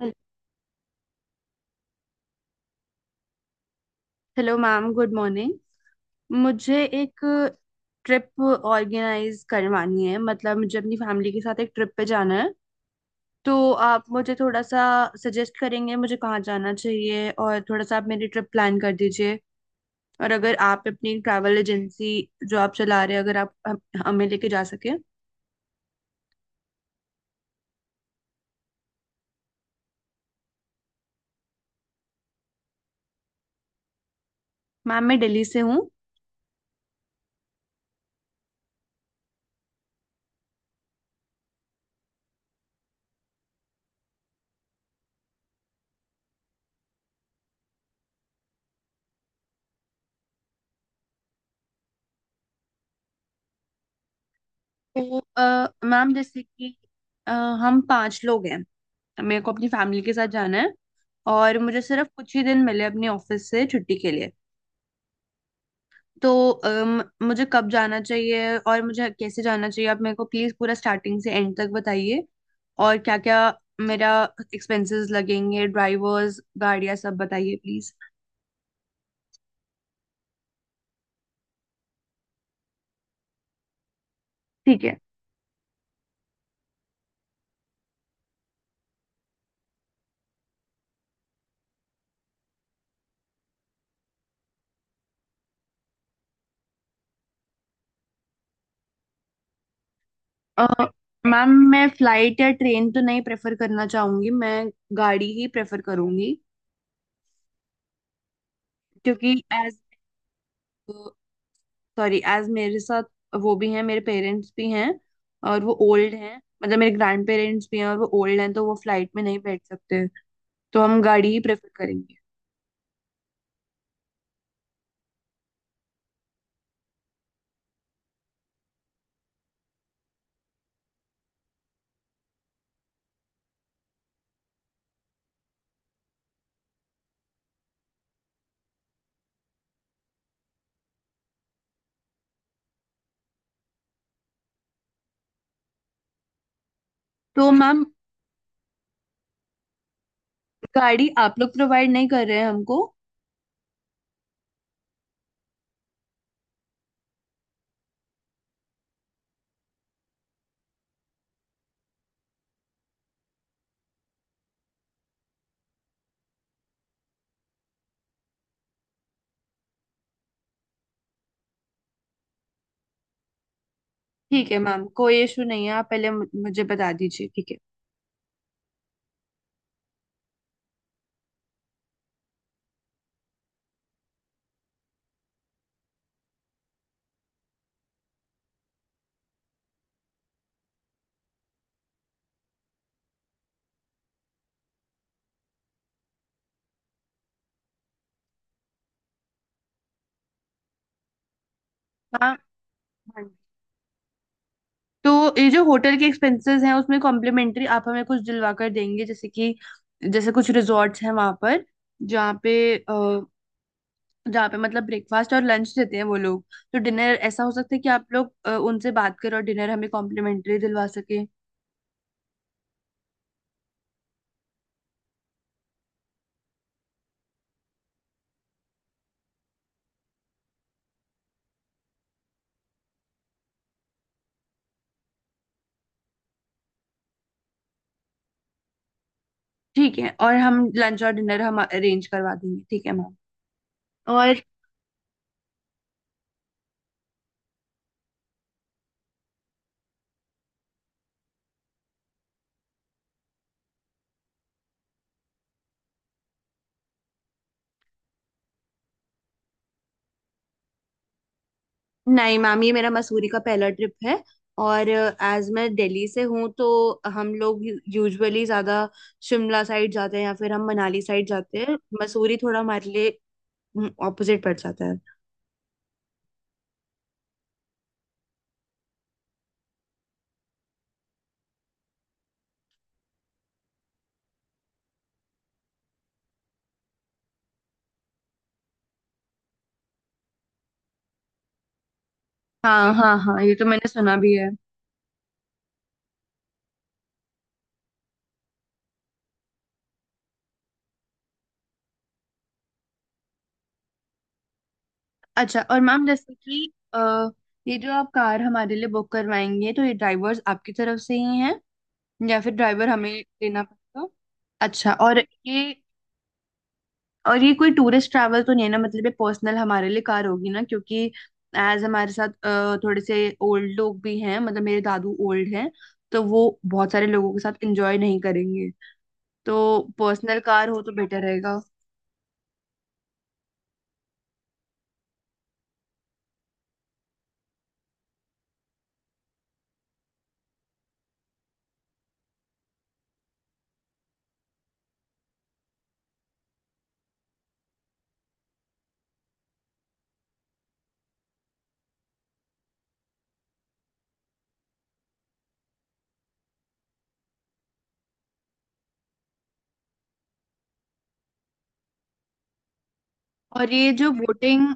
Hello- hello ma'am, good morning. मुझे एक trip organise करवानी है, मतलब मुझे अपनी फैमिली के साथ एक ट्रिप पे जाना है। तो आप मुझे थोड़ा सा सजेस्ट करेंगे मुझे कहाँ जाना चाहिए, और थोड़ा सा आप मेरी ट्रिप प्लान कर दीजिए। और अगर आप अपनी ट्रैवल एजेंसी जो आप चला रहे हैं, अगर आप हमें लेके जा सके। मैम मैं दिल्ली से हूँ। तो मैम जैसे कि हम पांच लोग हैं। मेरे को अपनी फैमिली के साथ जाना है और मुझे सिर्फ कुछ ही दिन मिले अपने ऑफिस से छुट्टी के लिए। तो मुझे कब जाना चाहिए और मुझे कैसे जाना चाहिए, आप मेरे को प्लीज पूरा स्टार्टिंग से एंड तक बताइए। और क्या क्या मेरा एक्सपेंसेस लगेंगे, ड्राइवर्स, गाड़ियाँ सब बताइए प्लीज। ठीक है। अ, मैम मैं फ्लाइट या ट्रेन तो नहीं प्रेफर करना चाहूंगी, मैं गाड़ी ही प्रेफर करूंगी। क्योंकि एज, सॉरी, एज मेरे साथ वो भी हैं, मेरे पेरेंट्स भी हैं और वो ओल्ड हैं, मतलब मेरे ग्रैंड पेरेंट्स भी हैं और वो ओल्ड हैं, तो वो फ्लाइट में नहीं बैठ सकते। तो हम गाड़ी ही प्रेफर करेंगे। तो मैम, गाड़ी आप लोग प्रोवाइड नहीं कर रहे हैं हमको? ठीक है मैम, कोई इशू नहीं है, आप पहले मुझे बता दीजिए, ठीक है। हाँ। हाँ। तो ये जो होटल के एक्सपेंसेस हैं उसमें कॉम्प्लीमेंट्री आप हमें कुछ दिलवा कर देंगे, जैसे कि जैसे कुछ रिजॉर्ट्स हैं वहां पर जहाँ पे, जहाँ पे मतलब ब्रेकफास्ट और लंच देते हैं वो लोग, तो डिनर ऐसा हो सकता है कि आप लोग उनसे बात करें और डिनर हमें कॉम्प्लीमेंट्री दिलवा सके। ठीक है, और हम लंच और डिनर हम अरेंज करवा देंगे, ठीक है मैम। और नहीं मैम, ये मेरा मसूरी का पहला ट्रिप है। और एज मैं दिल्ली से हूँ तो हम लोग यूजुअली ज्यादा शिमला साइड जाते हैं या फिर हम मनाली साइड जाते हैं, मसूरी थोड़ा हमारे लिए ऑपोजिट पड़ जाता है। हाँ हाँ हाँ, ये तो मैंने सुना भी है। अच्छा, और मैम जैसे कि ये जो आप कार हमारे लिए बुक करवाएंगे, तो ये ड्राइवर्स आपकी तरफ से ही हैं या फिर ड्राइवर हमें देना पड़ेगा? अच्छा, और ये ये कोई टूरिस्ट ट्रैवल तो नहीं है ना, मतलब ये पर्सनल हमारे लिए कार होगी ना, क्योंकि एज हमारे साथ थोड़े से ओल्ड लोग भी हैं, मतलब मेरे दादू ओल्ड हैं, तो वो बहुत सारे लोगों के साथ एंजॉय नहीं करेंगे। तो पर्सनल कार हो तो बेटर रहेगा। और ये जो बोटिंग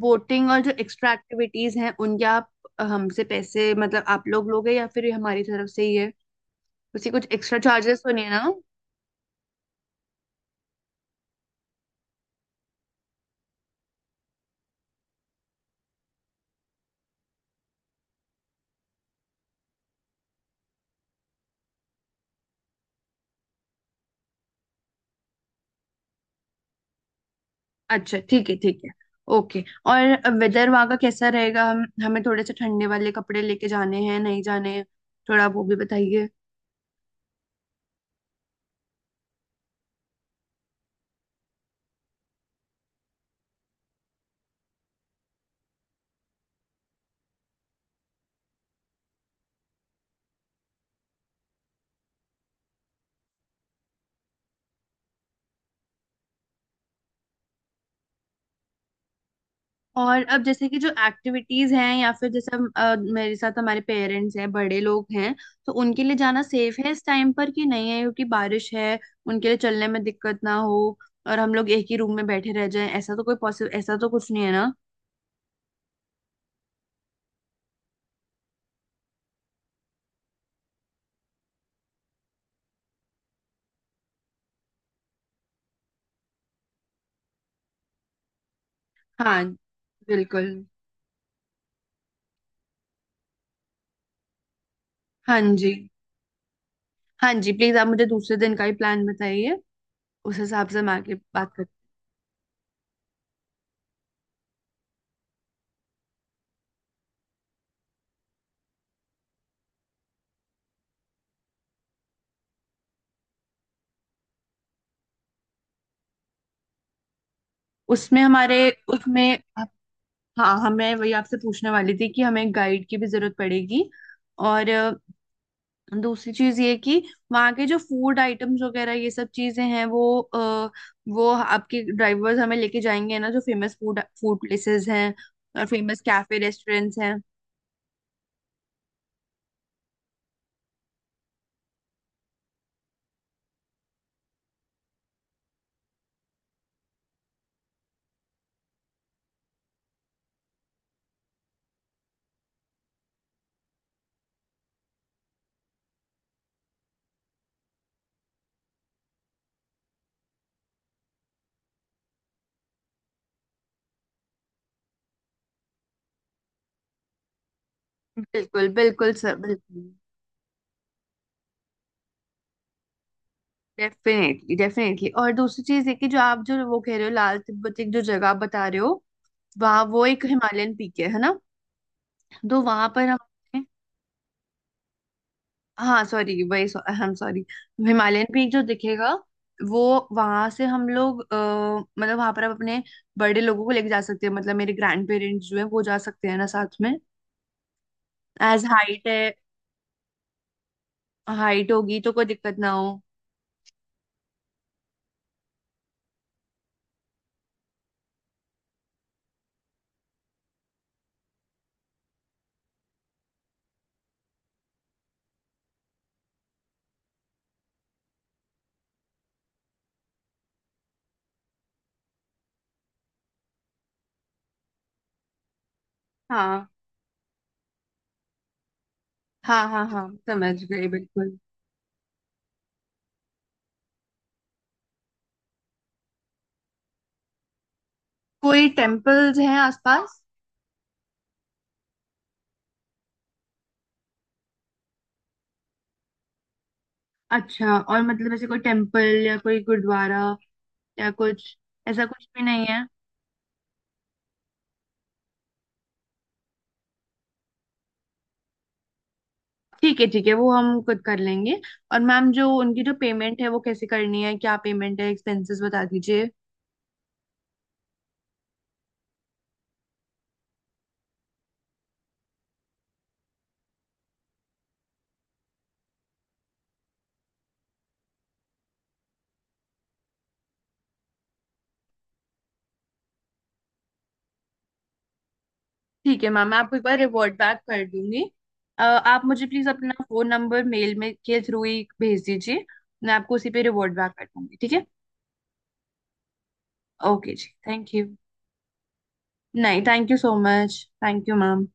बोटिंग और जो एक्स्ट्रा एक्टिविटीज हैं उनके आप हमसे पैसे मतलब आप लोग लोगे, या फिर ये हमारी तरफ से ही है? उसी कुछ एक्स्ट्रा चार्जेस तो नहीं है ना? अच्छा ठीक है ठीक है, ओके। और वेदर वहाँ का कैसा रहेगा, हम हमें थोड़े से ठंडे वाले कपड़े लेके जाने हैं नहीं जाने हैं, थोड़ा वो भी बताइए। और अब जैसे कि जो एक्टिविटीज हैं, या फिर जैसे मेरे साथ हमारे पेरेंट्स हैं, बड़े लोग हैं, तो उनके लिए जाना सेफ है इस टाइम पर कि नहीं है, क्योंकि बारिश है, उनके लिए चलने में दिक्कत ना हो। और हम लोग एक ही रूम में बैठे रह जाएं, ऐसा तो कोई पॉसिबल, ऐसा तो कुछ नहीं है ना? हाँ, बिल्कुल। हाँ जी। हाँ जी, प्लीज आप मुझे दूसरे दिन का ही प्लान बताइए, उस हिसाब से मैं आगे बात कर। उसमें हाँ, हमें वही आपसे पूछने वाली थी कि हमें गाइड की भी जरूरत पड़ेगी। और दूसरी चीज ये कि वहाँ के जो फूड आइटम्स वगैरह ये सब चीजें हैं, वो आपके ड्राइवर्स हमें लेके जाएंगे ना, जो फेमस फूड फूड प्लेसेस हैं और फेमस कैफे रेस्टोरेंट्स हैं। बिल्कुल बिल्कुल सर, बिल्कुल। Definitely definitely. और दूसरी चीज ये कि जो वो कह रहे हो लाल तिब्बत, एक जो जगह बता रहे हो, वहाँ वो एक हिमालयन पीक है ना? तो वहां पर हम, हाँ सॉरी वही, I am sorry, Himalayan peak जो दिखेगा वो, वहां से हम लोग मतलब वहां पर आप अपने बड़े लोगों को लेके जा सकते हैं, मतलब मेरे ग्रैंड पेरेंट्स जो है वो जा सकते हैं ना साथ में, एज हाइट है, हाइट होगी तो कोई दिक्कत ना हो। हाँ हाँ हाँ, हाँ समझ गई बिल्कुल। कोई टेम्पल्स हैं आसपास? अच्छा, और मतलब ऐसे कोई टेम्पल या कोई गुरुद्वारा या कुछ, ऐसा कुछ भी नहीं है? ठीक है ठीक है, वो हम खुद कर लेंगे। और मैम जो उनकी जो पेमेंट है वो कैसे करनी है, क्या पेमेंट है एक्सपेंसेस बता दीजिए। ठीक है मैम, मैं आपको एक बार रिवॉर्ड बैक कर दूंगी। आप मुझे प्लीज अपना फोन नंबर मेल में के थ्रू ही भेज दीजिए, मैं आपको उसी पे रिवॉर्ड बैक कर दूंगी, ठीक है। ओके जी, थैंक यू। नहीं, thank you so much, thank you ma'am.